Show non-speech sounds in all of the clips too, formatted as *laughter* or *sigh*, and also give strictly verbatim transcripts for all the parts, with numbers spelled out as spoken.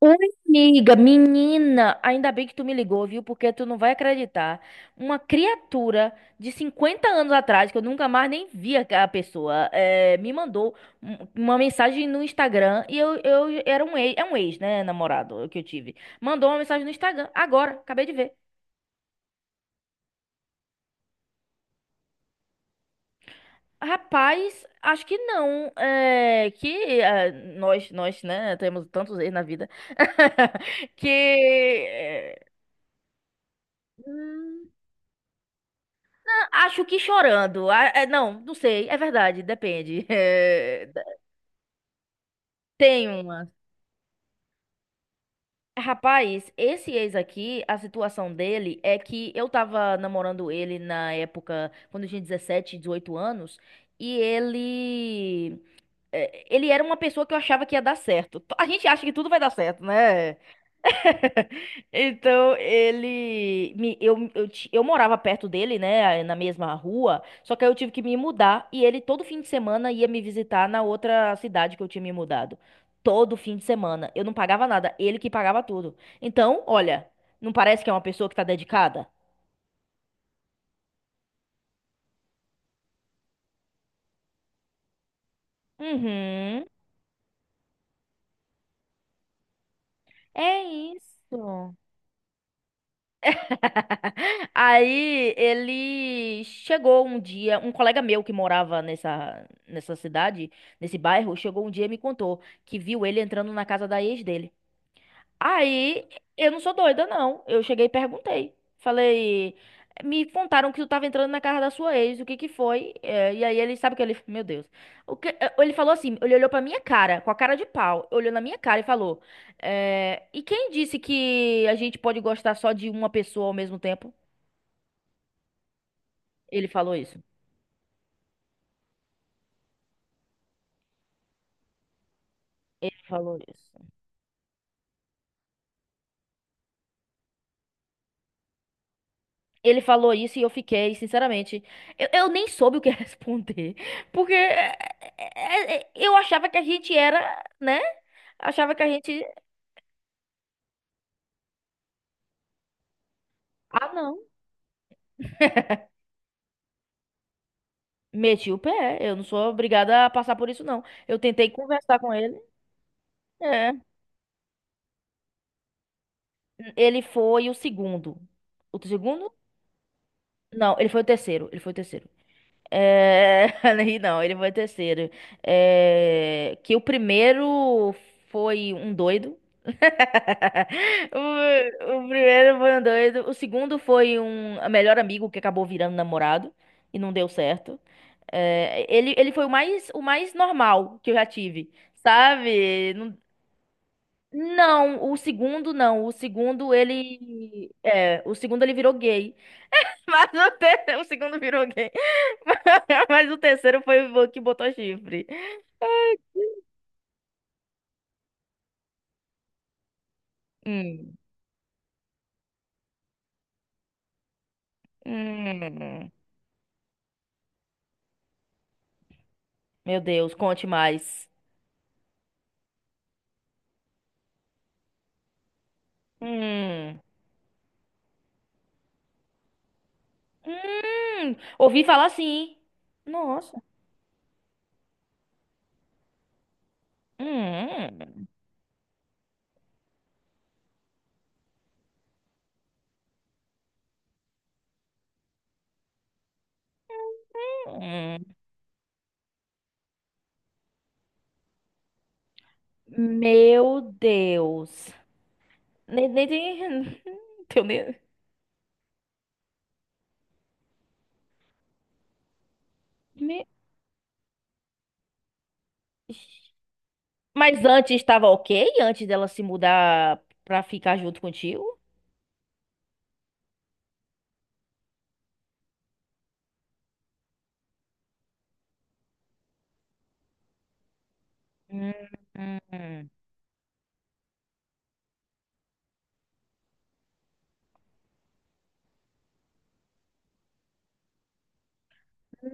Oi, amiga, menina, ainda bem que tu me ligou, viu? Porque tu não vai acreditar. Uma criatura de cinquenta anos atrás, que eu nunca mais nem vi a a pessoa, eh, me mandou um- uma mensagem no Instagram e eu, eu era um ex, é um ex, né, namorado que eu tive. Mandou uma mensagem no Instagram, agora, acabei de ver. Rapaz, acho que não, eh, que eh, nós, nós, né, temos tantos ex na vida, *laughs* que... eh, hum, acho que chorando. Ah, é, não, não sei. É verdade, depende. *laughs* É, tem uma. Rapaz, esse ex aqui, a situação dele é que eu tava namorando ele na época, quando eu tinha dezessete, dezoito anos, e ele. é, Ele era uma pessoa que eu achava que ia dar certo. A gente acha que tudo vai dar certo, né? Então ele me eu, eu, ti- eu morava perto dele, né, na mesma rua, só que aí eu tive que me mudar e ele todo fim de semana ia me visitar na outra cidade que eu tinha me mudado. Todo fim de semana. Eu não pagava nada, ele que pagava tudo. Então, olha, não parece que é uma pessoa que tá dedicada? Uhum. É isso. *laughs* Aí ele chegou um dia, um colega meu que morava nessa, nessa cidade, nesse bairro, chegou um dia e me contou que viu ele entrando na casa da ex dele. Aí eu não sou doida, não. Eu cheguei e perguntei. Falei, me contaram que tu tava entrando na casa da sua ex, o que que foi? É, e aí ele sabe o que ele, meu Deus. O que, eh, ele falou assim, ele olhou pra minha cara, com a cara de pau, olhou na minha cara e falou, é, e quem disse que a gente pode gostar só de uma pessoa ao mesmo tempo? Ele falou isso. Ele falou isso. Ele falou isso e eu fiquei, sinceramente, eu, eu nem soube o que *laughs* responder, porque é, é, é, eu achava que a gente era, né? Achava que a gente. Ah, não. *laughs* Meti o pé. Eu não sou obrigada a passar por isso, não. Eu tentei conversar com ele. É. Ele foi o segundo. O segundo? Não, ele foi o terceiro. Ele foi o terceiro. É... *laughs* aí não, ele foi terceiro. É, que o primeiro foi um doido. *laughs* O, o primeiro foi um doido. O segundo foi um melhor amigo que acabou virando namorado e não deu certo. É, Ele, ele foi o mais, o mais normal que eu já tive, sabe? Não, não, o segundo não. O segundo ele. É, o segundo ele virou gay. *laughs* Mas o, ter- o segundo virou gay. *laughs* Mas o terceiro foi o que botou chifre. Hum. Hum. Meu Deus, conte mais. Hum. Hum. Ouvi falar assim. Nossa. Hum. Hum. Meu Deus. Nem, nem, tem- *laughs* Teu ne- me- mas antes estava ok? Antes dela se mudar pra ficar junto contigo? Hum. Hum.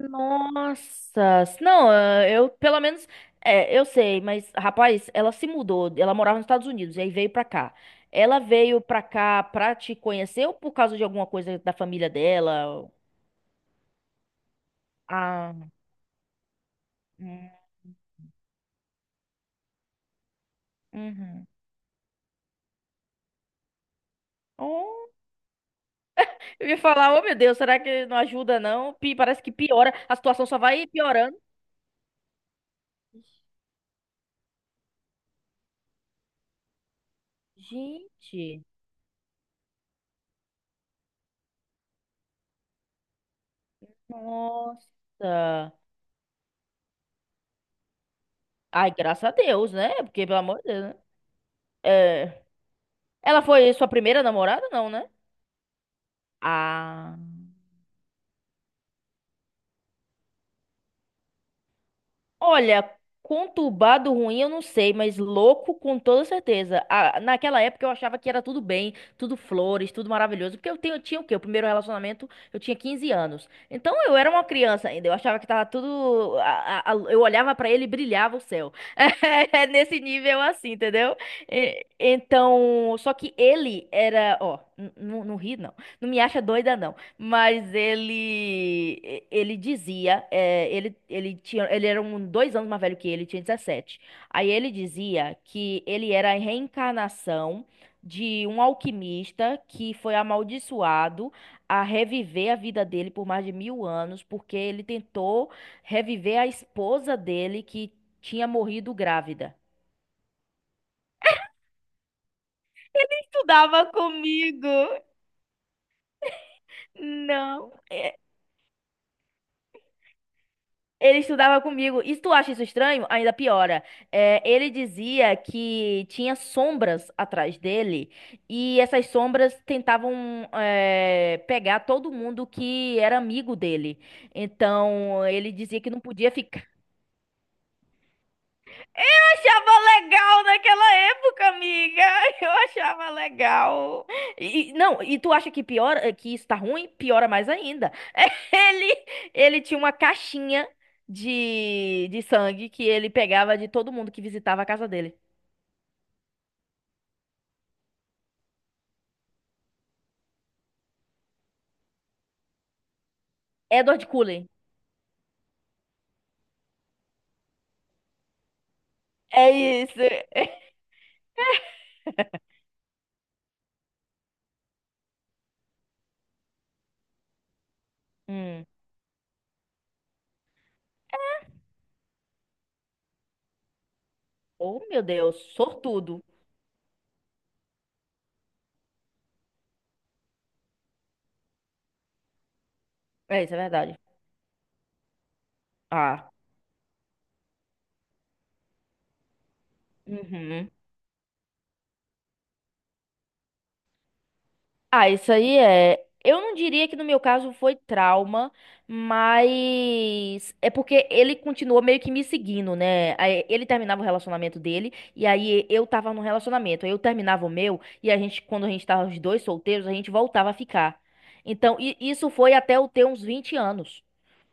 Nossa, não, eh, eu pelo menos, é, eu sei, mas rapaz, ela se mudou, ela morava nos Estados Unidos e aí veio pra cá. Ela veio pra cá pra te conhecer ou por causa de alguma coisa da família dela? Ah, hum, uhum. Oh, eu ia falar, oh meu Deus, será que não ajuda não? Pi- parece que piora, a situação só vai piorando. Gente, nossa. Ai, graças a Deus, né? Porque pelo amor de Deus, né? É, ela foi sua primeira namorada, não, né? Ah. Olha, conturbado ruim eu não sei, mas louco com toda certeza. Ah, naquela época eu achava que era tudo bem, tudo flores, tudo maravilhoso, porque eu tenho, tinha o quê? O primeiro relacionamento eu tinha quinze anos. Então eu era uma criança ainda, eu achava que tava tudo. A- a- a- eu olhava pra ele e brilhava o céu. *laughs* É nesse nível assim, entendeu? E- Então, só que ele era. Ó, n- n- não ri não. Não me acha doida não. Mas ele e- ele dizia, eh, ele, ele tinha, ele era um dois anos mais velho que ele, tinha dezessete. Aí ele dizia que ele era a reencarnação de um alquimista que foi amaldiçoado a reviver a vida dele por mais de mil anos, porque ele tentou reviver a esposa dele que tinha morrido grávida. Estudava comigo. Não. Ele estudava comigo. E se tu acha isso estranho, ainda piora. É, ele dizia que tinha sombras atrás dele e essas sombras tentavam é, pegar todo mundo que era amigo dele. Então ele dizia que não podia ficar achava legal naquela época, amiga. *laughs* Eu achava legal. E, não, e tu acha que piora, que isso tá ruim? Piora mais ainda. *laughs* Ele, ele tinha uma caixinha de, de sangue que ele pegava de todo mundo que visitava a casa dele. Edward Cullen. É isso. Hum. Oh, meu Deus, sortudo. É isso, é verdade. Ah. Uhum. Ah, isso aí é. Eu não diria que no meu caso foi trauma, mas é porque ele continuou meio que me seguindo, né? Aí ele terminava o relacionamento dele e aí eu tava num relacionamento. Aí eu terminava o meu e a gente, quando a gente tava os dois solteiros, a gente voltava a ficar. Então, e- isso foi até eu ter uns vinte anos.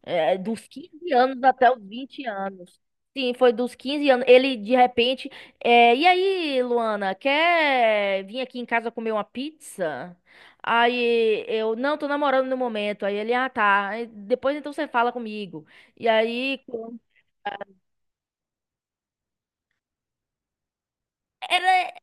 É, dos quinze anos até os vinte anos. Sim, foi dos quinze anos. Ele, de repente. É, e aí, Luana, quer vir aqui em casa comer uma pizza? Aí eu, não, tô namorando no momento. Aí ele, ah, tá. Aí, depois então você fala comigo. E aí. com- é, Era.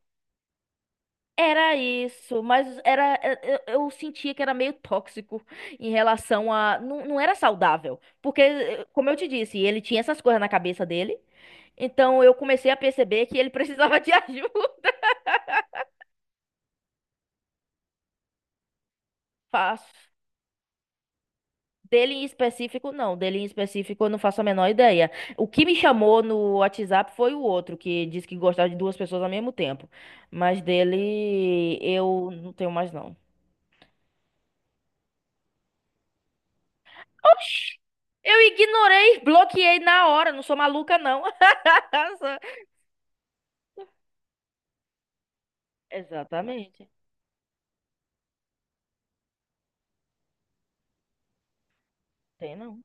Era isso, mas era eh, eu, eu sentia que era meio tóxico em relação a não, não era saudável, porque eh, como eu te disse, ele tinha essas coisas na cabeça dele. Então eu comecei a perceber que ele *laughs* precisava de ajuda. Faço. Dele em específico, não. Dele em específico, eu não faço a menor ideia. O que me chamou no WhatsApp foi o outro, que disse que gostava de duas pessoas ao mesmo tempo. Mas dele, eu não tenho mais, não. Oxi, eu ignorei, bloqueei na hora, não sou maluca, não. *laughs* Sou- Exatamente, tem não.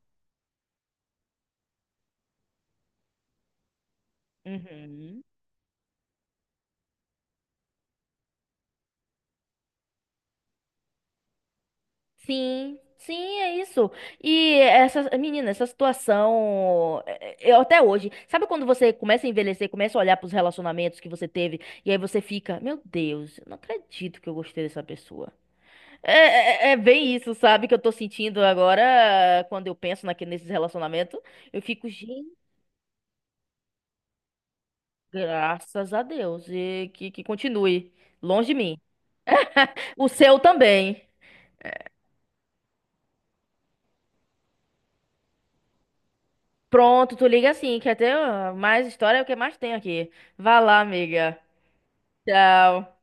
Uhum. Sim, sim, é isso. E essa, menina, essa situação, é, é, eu até hoje, sabe quando você começa a envelhecer, começa a olhar pros relacionamentos que você teve, e aí você fica, meu Deus, eu não acredito que eu gostei dessa pessoa. É, é, é é bem isso, sabe, que eu tô sentindo agora, quando eu penso naque, nesses relacionamentos, eu fico, gente. Graças a Deus. E que, que continue. Longe de mim. O seu também. Pronto, tu liga assim. Quer ter ah, mais história? É o que mais tem aqui. Vá lá, amiga. Tchau.